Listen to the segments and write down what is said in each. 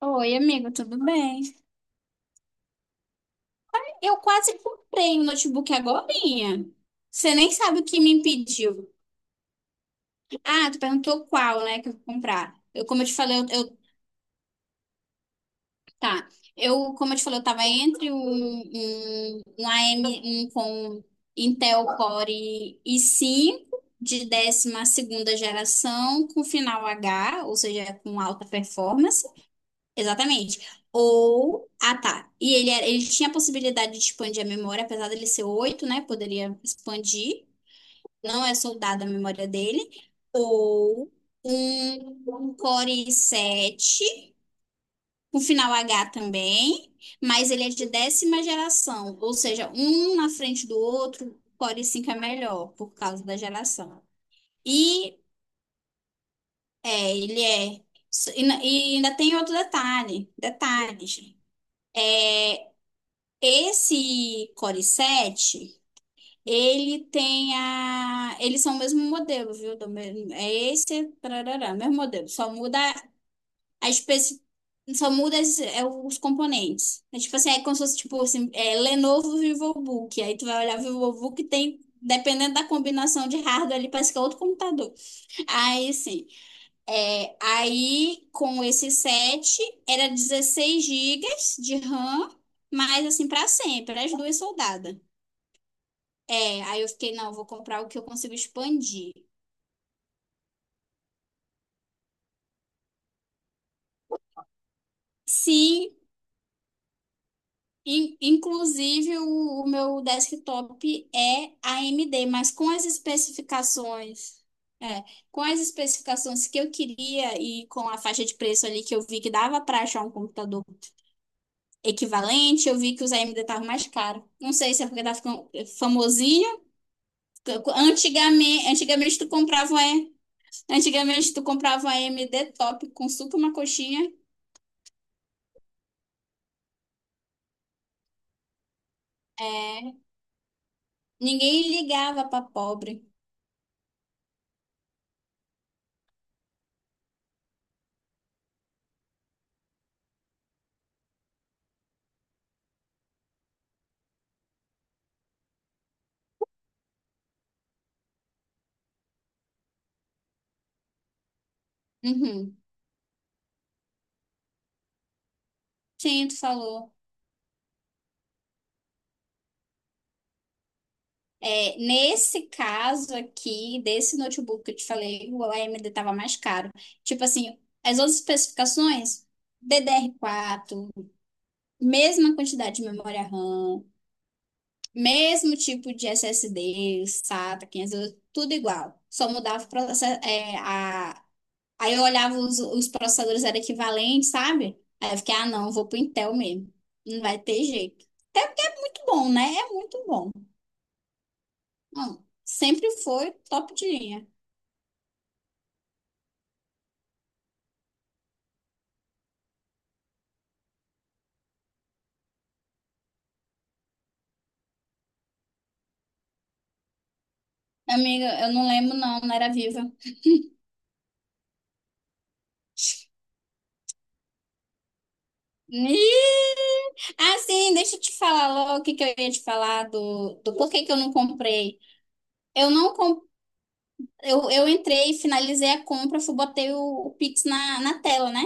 Oi, amigo, tudo bem? Eu quase comprei um notebook agorinha. Você nem sabe o que me impediu. Ah, tu perguntou qual, né, que eu vou comprar. Eu, como eu te falei, tá. Eu, como eu te falei, eu tava entre um, AM, um com Intel Core i5 de 12ª geração com final H, ou seja, com alta performance. Exatamente. Ou. Ah, tá. E ele tinha a possibilidade de expandir a memória, apesar dele ser oito, né? Poderia expandir. Não é soldado a memória dele. Ou um Core i7, com final H também, mas ele é de 10ª geração. Ou seja, um na frente do outro, o Core i5 é melhor, por causa da geração. E é, ele é. E ainda tem outro detalhes. Esse Core 7, ele tem a. Eles são o mesmo modelo, viu? É esse, tarará, mesmo modelo. A especi... Só muda os componentes. É tipo assim, é como se fosse tipo assim, é, Lenovo VivoBook. Aí tu vai olhar o VivoBook tem. Dependendo da combinação de hardware, ali parece que é outro computador. Aí, sim. É, aí, com esse 7, era 16 gigas de RAM. Mas assim, para sempre, as duas soldadas. É, aí eu fiquei, não, eu vou comprar o que eu consigo expandir. Sim, inclusive o meu desktop é AMD, mas com as especificações, é, com as especificações que eu queria e com a faixa de preço ali que eu vi que dava para achar um computador equivalente. Eu vi que os AMD estavam mais caros. Não sei se é porque tá ficando famosinho. Antigamente, antigamente tu comprava, é, Antigamente tu comprava um AMD top com suco e uma coxinha. É, ninguém ligava para pobre. Uhum. Sim, tu falou. É, nesse caso aqui, desse notebook que eu te falei, o AMD estava mais caro. Tipo assim, as outras especificações, DDR4, mesma quantidade de memória RAM, mesmo tipo de SSD, SATA, 512, tudo igual. Só mudava o processo. Aí eu olhava os processadores eram equivalentes, sabe? Aí eu fiquei, ah, não, eu vou pro Intel mesmo. Não vai ter jeito. Até porque é muito bom, né? É muito bom. Não, sempre foi top de linha. Amiga, eu não lembro, não, não era viva. Ih! Ah, sim, deixa eu te falar logo o que que eu ia te falar do, do porquê que eu não comprei. Eu não com- eu entrei, finalizei a compra, fui, botei o Pix na, na tela, né?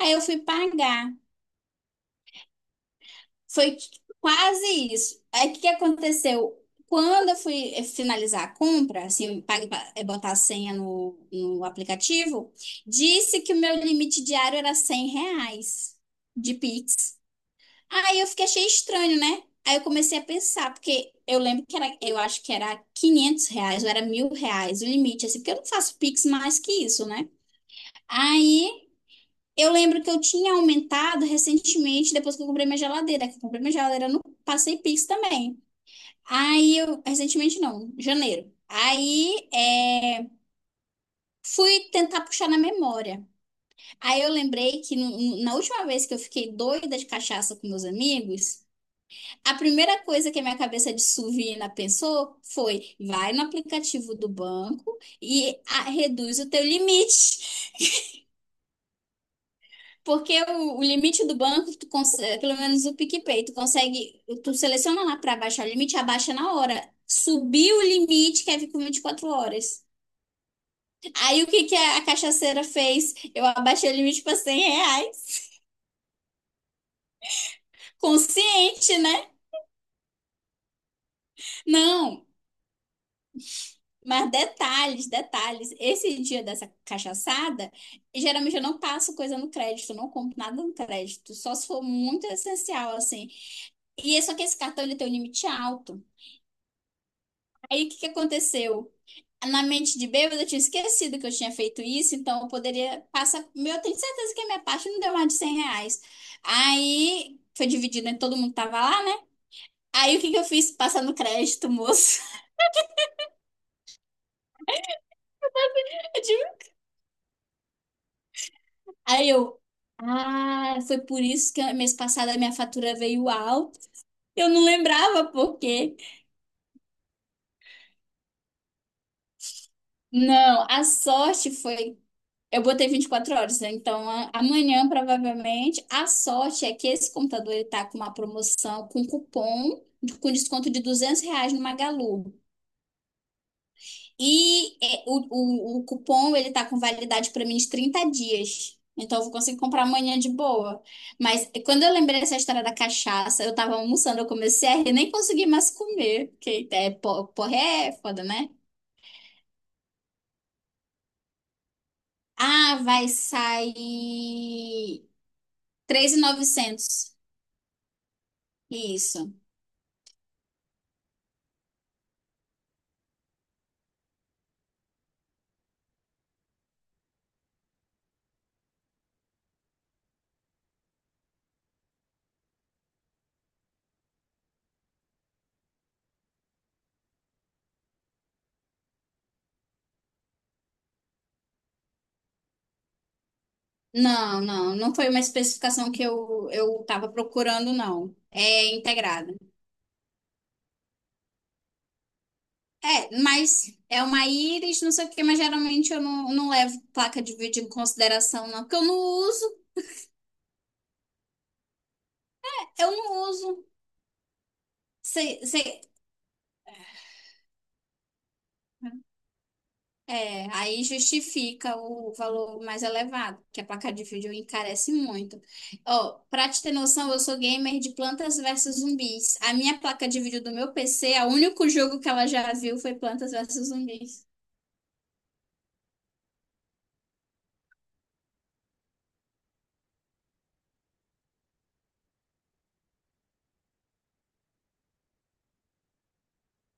Aí eu fui pagar. Foi quase isso. Aí o que que aconteceu? Quando eu fui finalizar a compra, assim, eu paguei pra, botar a senha no, no aplicativo, disse que o meu limite diário era R$ 100 de Pix. Aí eu fiquei, achei estranho, né? Aí eu comecei a pensar, porque eu lembro que era, eu acho que era R$ 500, ou era R$ 1.000 o limite, assim, porque eu não faço Pix mais que isso, né? Aí eu lembro que eu tinha aumentado recentemente, depois que eu comprei minha geladeira, que eu comprei minha geladeira no Passei Pix também. Aí eu, recentemente não, janeiro. Aí fui tentar puxar na memória. Aí eu lembrei que na última vez que eu fiquei doida de cachaça com meus amigos, a primeira coisa que a minha cabeça de suvina pensou foi: vai no aplicativo do banco e reduz o teu limite. Porque o limite do banco, tu consegue, pelo menos o PicPay, tu consegue, tu seleciona lá para baixar o limite, abaixa na hora. Subiu o limite, quer vir com 24 horas. Aí o que que a cachaceira fez? Eu abaixei o limite para R$ 100. Consciente, né? Não, mas detalhes, detalhes. Esse dia dessa cachaçada, geralmente eu não passo coisa no crédito, não compro nada no crédito, só se for muito essencial, assim. E é só que esse cartão ele tem um limite alto. Aí o que que aconteceu? Na mente de bêbada, eu tinha esquecido que eu tinha feito isso, então eu poderia passar. Meu, eu tenho certeza que a minha parte não deu mais de R$ 100. Aí foi dividido, né? Todo mundo tava lá, né? Aí o que que eu fiz? Passar no crédito, moço. Eu tive- Aí eu. Ah, foi por isso que mês passado a minha fatura veio alta. Eu não lembrava por quê. Não, a sorte foi. Eu botei 24 horas, né? Então amanhã provavelmente. A sorte é que esse computador ele tá com uma promoção com com desconto de R$ 200 no Magalu. E é, o, o cupom ele tá com validade para mim de 30 dias. Então eu vou conseguir comprar amanhã de boa. Mas quando eu lembrei dessa história da cachaça, eu tava almoçando, eu comecei a rir, nem consegui mais comer, porque porra, é foda, né? Ah, vai sair 3.900. Isso. Não, não, não foi uma especificação que eu estava procurando, não. É integrada. É, mas é uma íris, não sei o quê, mas geralmente eu não, não levo placa de vídeo em consideração, não, porque eu não uso, eu não uso. Cê- cê- Aí justifica o valor mais elevado, que a placa de vídeo encarece muito. Ó, pra te ter noção, eu sou gamer de Plantas versus Zumbis. A minha placa de vídeo do meu PC, o único jogo que ela já viu foi Plantas versus Zumbis.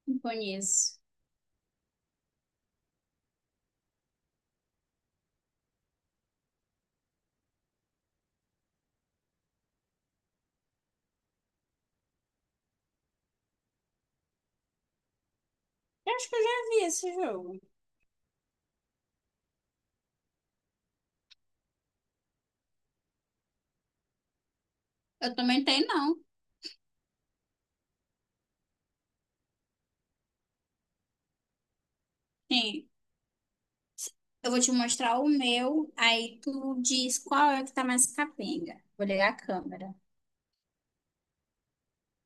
Não conheço. Eu acho que eu já vi esse jogo. Eu também tenho, não. Sim. Eu vou te mostrar o meu, aí tu diz qual é o que tá mais capenga. Vou ligar a câmera.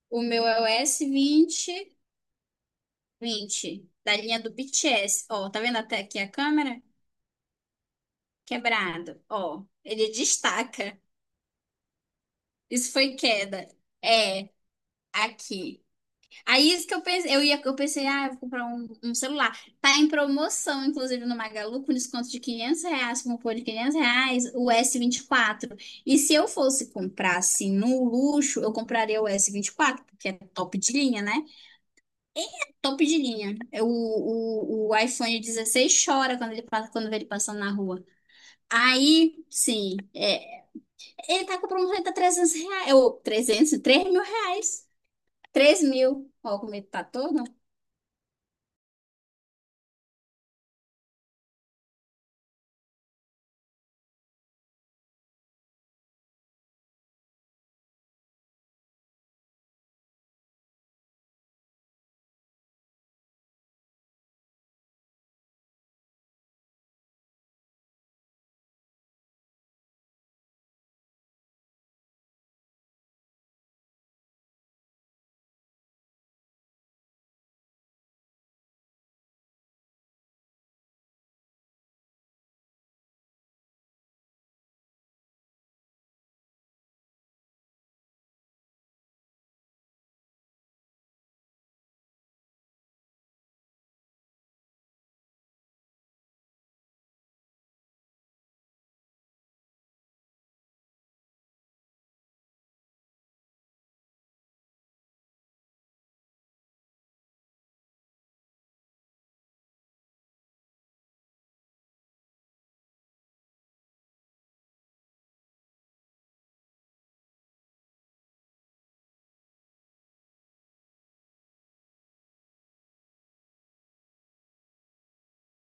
O meu é o s vinte da linha do BTS. Ó, tá vendo até aqui a câmera? Quebrado. Ó, ele destaca. Isso foi queda. É, aqui. Aí isso que eu pensei, eu pensei, ah, eu vou comprar um celular. Tá em promoção, inclusive, no Magalu, com desconto de R$ 500, com cupom de R$ 500, o S24. E se eu fosse comprar, assim, no luxo, eu compraria o S24, porque é top de linha, né? Top de linha. É o iPhone 16 chora quando ele passa, quando vê ele passando na rua. Aí, sim, é, ele tá com promoção, ele tá R$ 300, ou 300, R$ 3.000. 3.000. Ó, como ele tá todo.